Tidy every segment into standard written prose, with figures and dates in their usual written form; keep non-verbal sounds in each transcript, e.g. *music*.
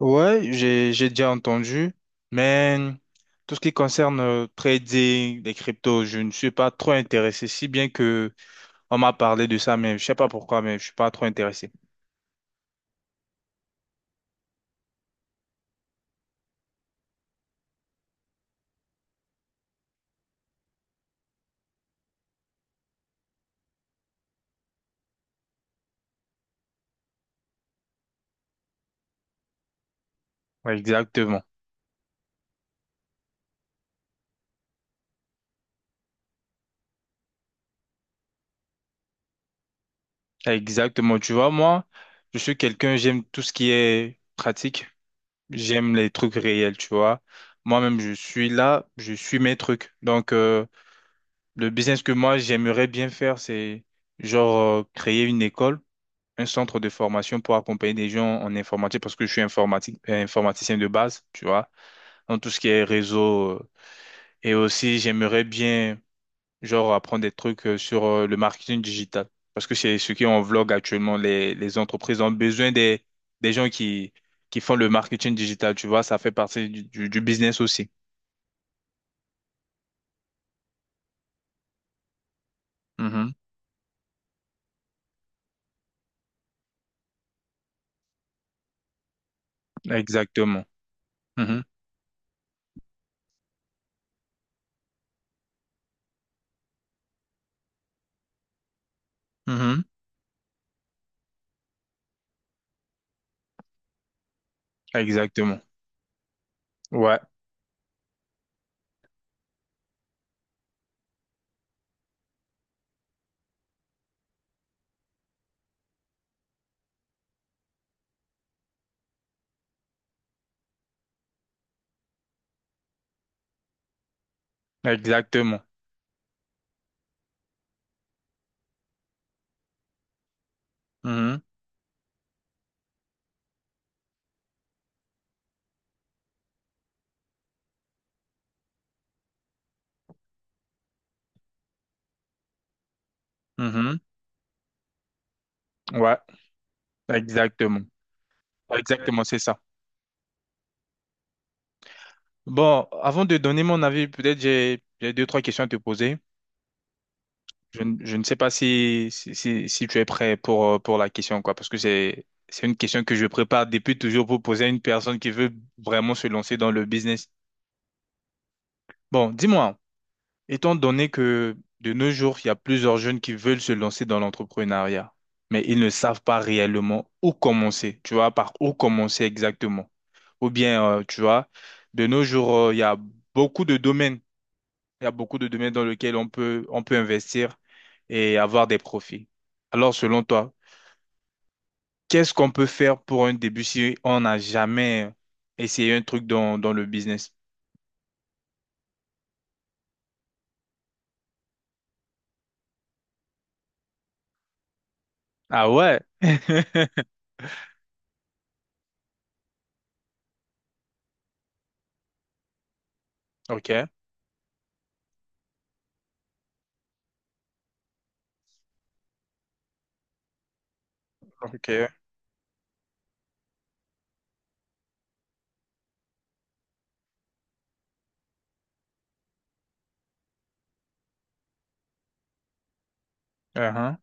Ouais, j'ai déjà entendu, mais tout ce qui concerne trading des cryptos, je ne suis pas trop intéressé, si bien que on m'a parlé de ça, mais je sais pas pourquoi, mais je suis pas trop intéressé. Ouais, exactement, exactement. Tu vois, moi, je suis quelqu'un, j'aime tout ce qui est pratique. J'aime les trucs réels, tu vois. Moi-même, je suis là, je suis mes trucs. Donc, le business que moi, j'aimerais bien faire, c'est genre créer une école, un centre de formation pour accompagner des gens en informatique, parce que je suis informatique, informaticien de base, tu vois, dans tout ce qui est réseau. Et aussi, j'aimerais bien genre apprendre des trucs sur le marketing digital. Parce que c'est ce qui est en vlog actuellement. Les entreprises ont besoin des gens qui font le marketing digital, tu vois, ça fait partie du business aussi. Mhm. Exactement. Mhm. Mhm. Exactement. Ouais, exactement. Mhm. Mhm. Ouais, exactement. Exactement, c'est ça. Bon, avant de donner mon avis, peut-être j'ai deux, trois questions à te poser. Je ne sais pas si tu es prêt pour la question, quoi, parce que c'est une question que je prépare depuis toujours pour poser à une personne qui veut vraiment se lancer dans le business. Bon, dis-moi, étant donné que de nos jours, il y a plusieurs jeunes qui veulent se lancer dans l'entrepreneuriat, mais ils ne savent pas réellement où commencer, tu vois, par où commencer exactement. Ou bien, tu vois, de nos jours, il y a beaucoup de domaines beaucoup de domaines dans lesquels on peut investir et avoir des profits. Alors, selon toi, qu'est-ce qu'on peut faire pour un début si on n'a jamais essayé un truc dans le business? Ah ouais, ok, ok, uh-huh,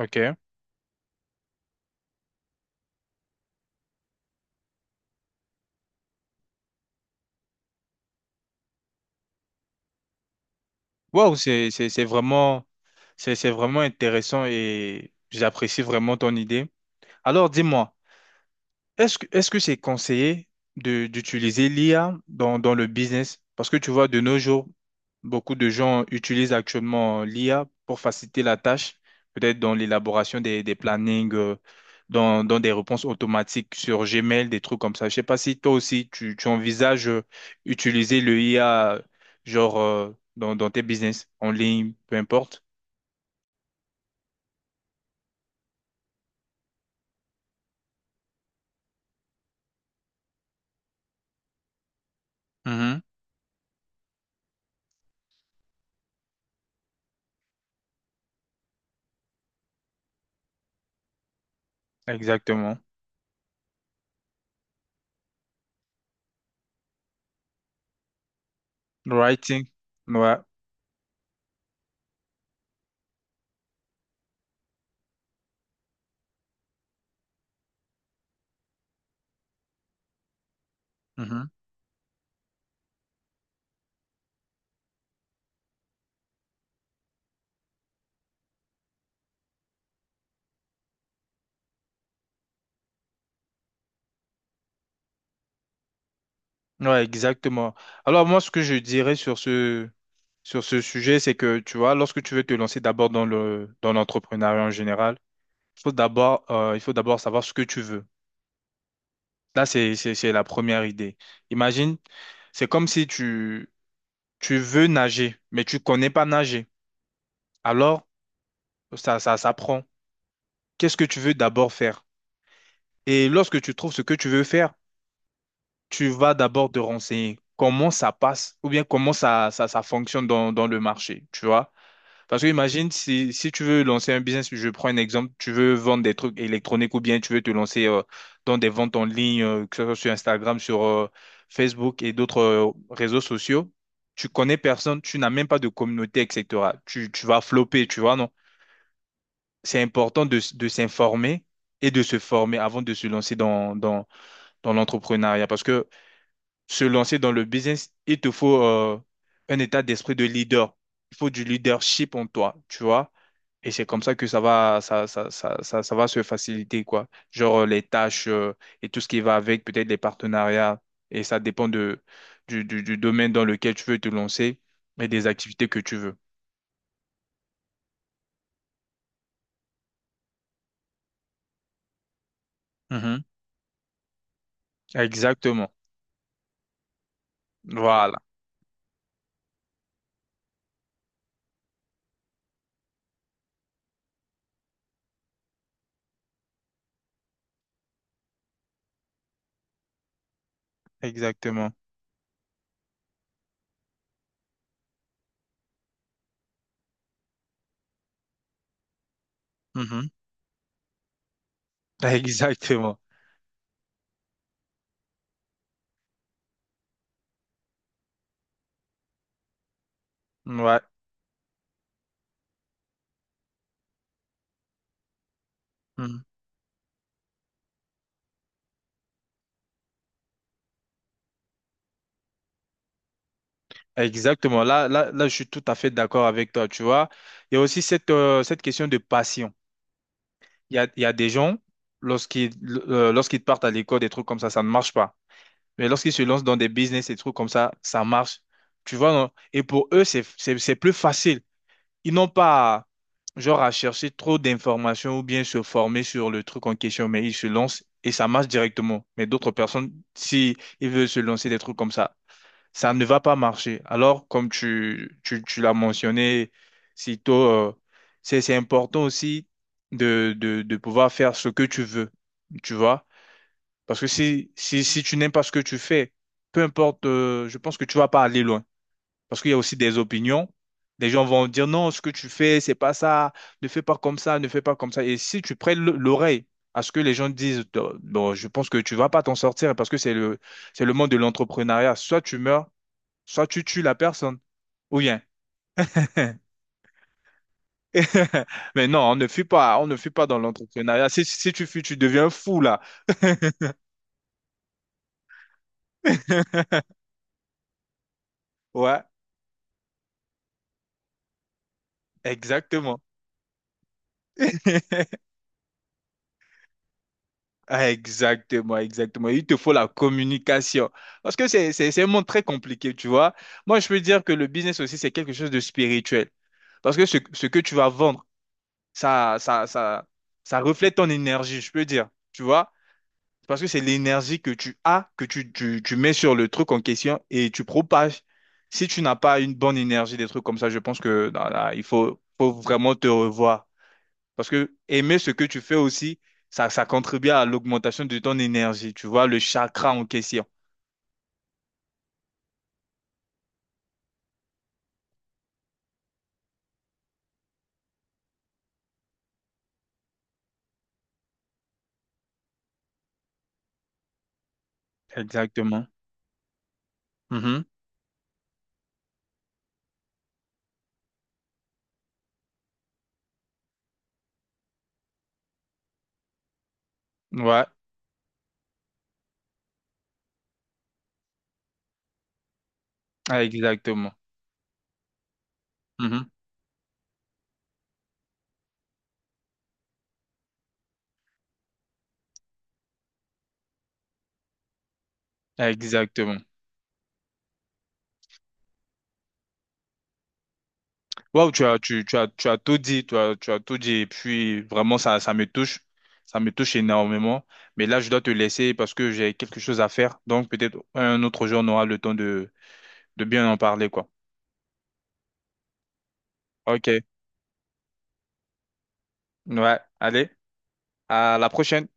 ok. Wow, c'est vraiment intéressant et j'apprécie vraiment ton idée. Alors, dis-moi, est-ce que c'est conseillé d'utiliser l'IA dans le business? Parce que tu vois, de nos jours, beaucoup de gens utilisent actuellement l'IA pour faciliter la tâche, peut-être dans l'élaboration des plannings, dans des réponses automatiques sur Gmail, des trucs comme ça. Je sais pas si toi aussi, tu envisages utiliser le IA, genre, dans tes business, en ligne, peu importe. Mhm. Exactement. Writing. Ouais. Ouais, exactement. Alors moi, ce que je dirais sur ce sujet, c'est que, tu vois, lorsque tu veux te lancer d'abord dans l'entrepreneuriat en général, il faut d'abord savoir ce que tu veux. Là, c'est la première idée. Imagine, c'est comme si tu veux nager, mais tu connais pas nager. Alors, ça s'apprend. Qu'est-ce que tu veux d'abord faire? Et lorsque tu trouves ce que tu veux faire, tu vas d'abord te renseigner comment ça passe ou bien comment ça fonctionne dans le marché, tu vois? Parce que imagine si tu veux lancer un business, je prends un exemple, tu veux vendre des trucs électroniques ou bien tu veux te lancer dans des ventes en ligne, que ce soit sur Instagram, sur Facebook et d'autres réseaux sociaux, tu connais personne, tu n'as même pas de communauté, etc. Tu vas flopper, tu vois, non? C'est important de s'informer et de se former avant de se lancer dans l'entrepreneuriat. Parce que se lancer dans le business, il te faut un état d'esprit de leader. Il faut du leadership en toi, tu vois? Et c'est comme ça que ça va, ça va se faciliter, quoi. Genre les tâches et tout ce qui va avec, peut-être les partenariats. Et ça dépend du domaine dans lequel tu veux te lancer et des activités que tu veux. Mhm. Exactement. Voilà. Exactement. Mhm. *laughs* Exactement. Ouais. Mhm. Exactement. Là, là, là, je suis tout à fait d'accord avec toi, tu vois. Il y a aussi cette question de passion. Il y a des gens, lorsqu'ils lorsqu'ils partent à l'école, des trucs comme ça ne marche pas. Mais lorsqu'ils se lancent dans des business et trucs comme ça marche. Tu vois, non? Et pour eux, c'est plus facile. Ils n'ont pas, à chercher trop d'informations ou bien se former sur le truc en question, mais ils se lancent et ça marche directement. Mais d'autres personnes, si ils veulent se lancer des trucs comme ça ne va pas marcher. Alors, comme tu l'as mentionné si tôt, c'est important aussi de pouvoir faire ce que tu veux. Tu vois? Parce que si tu n'aimes pas ce que tu fais, peu importe, je pense que tu vas pas aller loin. Parce qu'il y a aussi des opinions. Des gens vont dire non, ce que tu fais, c'est pas ça, ne fais pas comme ça, ne fais pas comme ça. Et si tu prêtes l'oreille à ce que les gens disent, bon, je pense que tu vas pas t'en sortir parce que c'est le monde de l'entrepreneuriat. Soit tu meurs, soit tu tues la personne, ou bien. *laughs* Mais non, on ne fuit pas, on ne fuit pas dans l'entrepreneuriat. Si tu fuis, tu deviens fou là. *laughs* Ouais, exactement. *laughs* Ah, exactement, exactement. Il te faut la communication. Parce que c'est un monde très compliqué, tu vois. Moi, je peux dire que le business aussi, c'est quelque chose de spirituel. Parce que ce que tu vas vendre, ça, ça, ça, ça reflète ton énergie, je peux dire. Tu vois? Parce que c'est l'énergie que tu as, que tu mets sur le truc en question et tu propages. Si tu n'as pas une bonne énergie, des trucs comme ça, je pense que là, il faut, faut vraiment te revoir. Parce que aimer ce que tu fais aussi, ça contribue à l'augmentation de ton énergie, tu vois, le chakra en question. Exactement. Mhm. Ouais, exactement. Mhm. Exactement. Wow, tu as tout dit, tu as tout dit. Et puis, vraiment, ça me touche. Ça me touche énormément. Mais là, je dois te laisser parce que j'ai quelque chose à faire. Donc, peut-être un autre jour, on aura le temps de bien en parler, quoi. OK. Ouais. Allez, à la prochaine.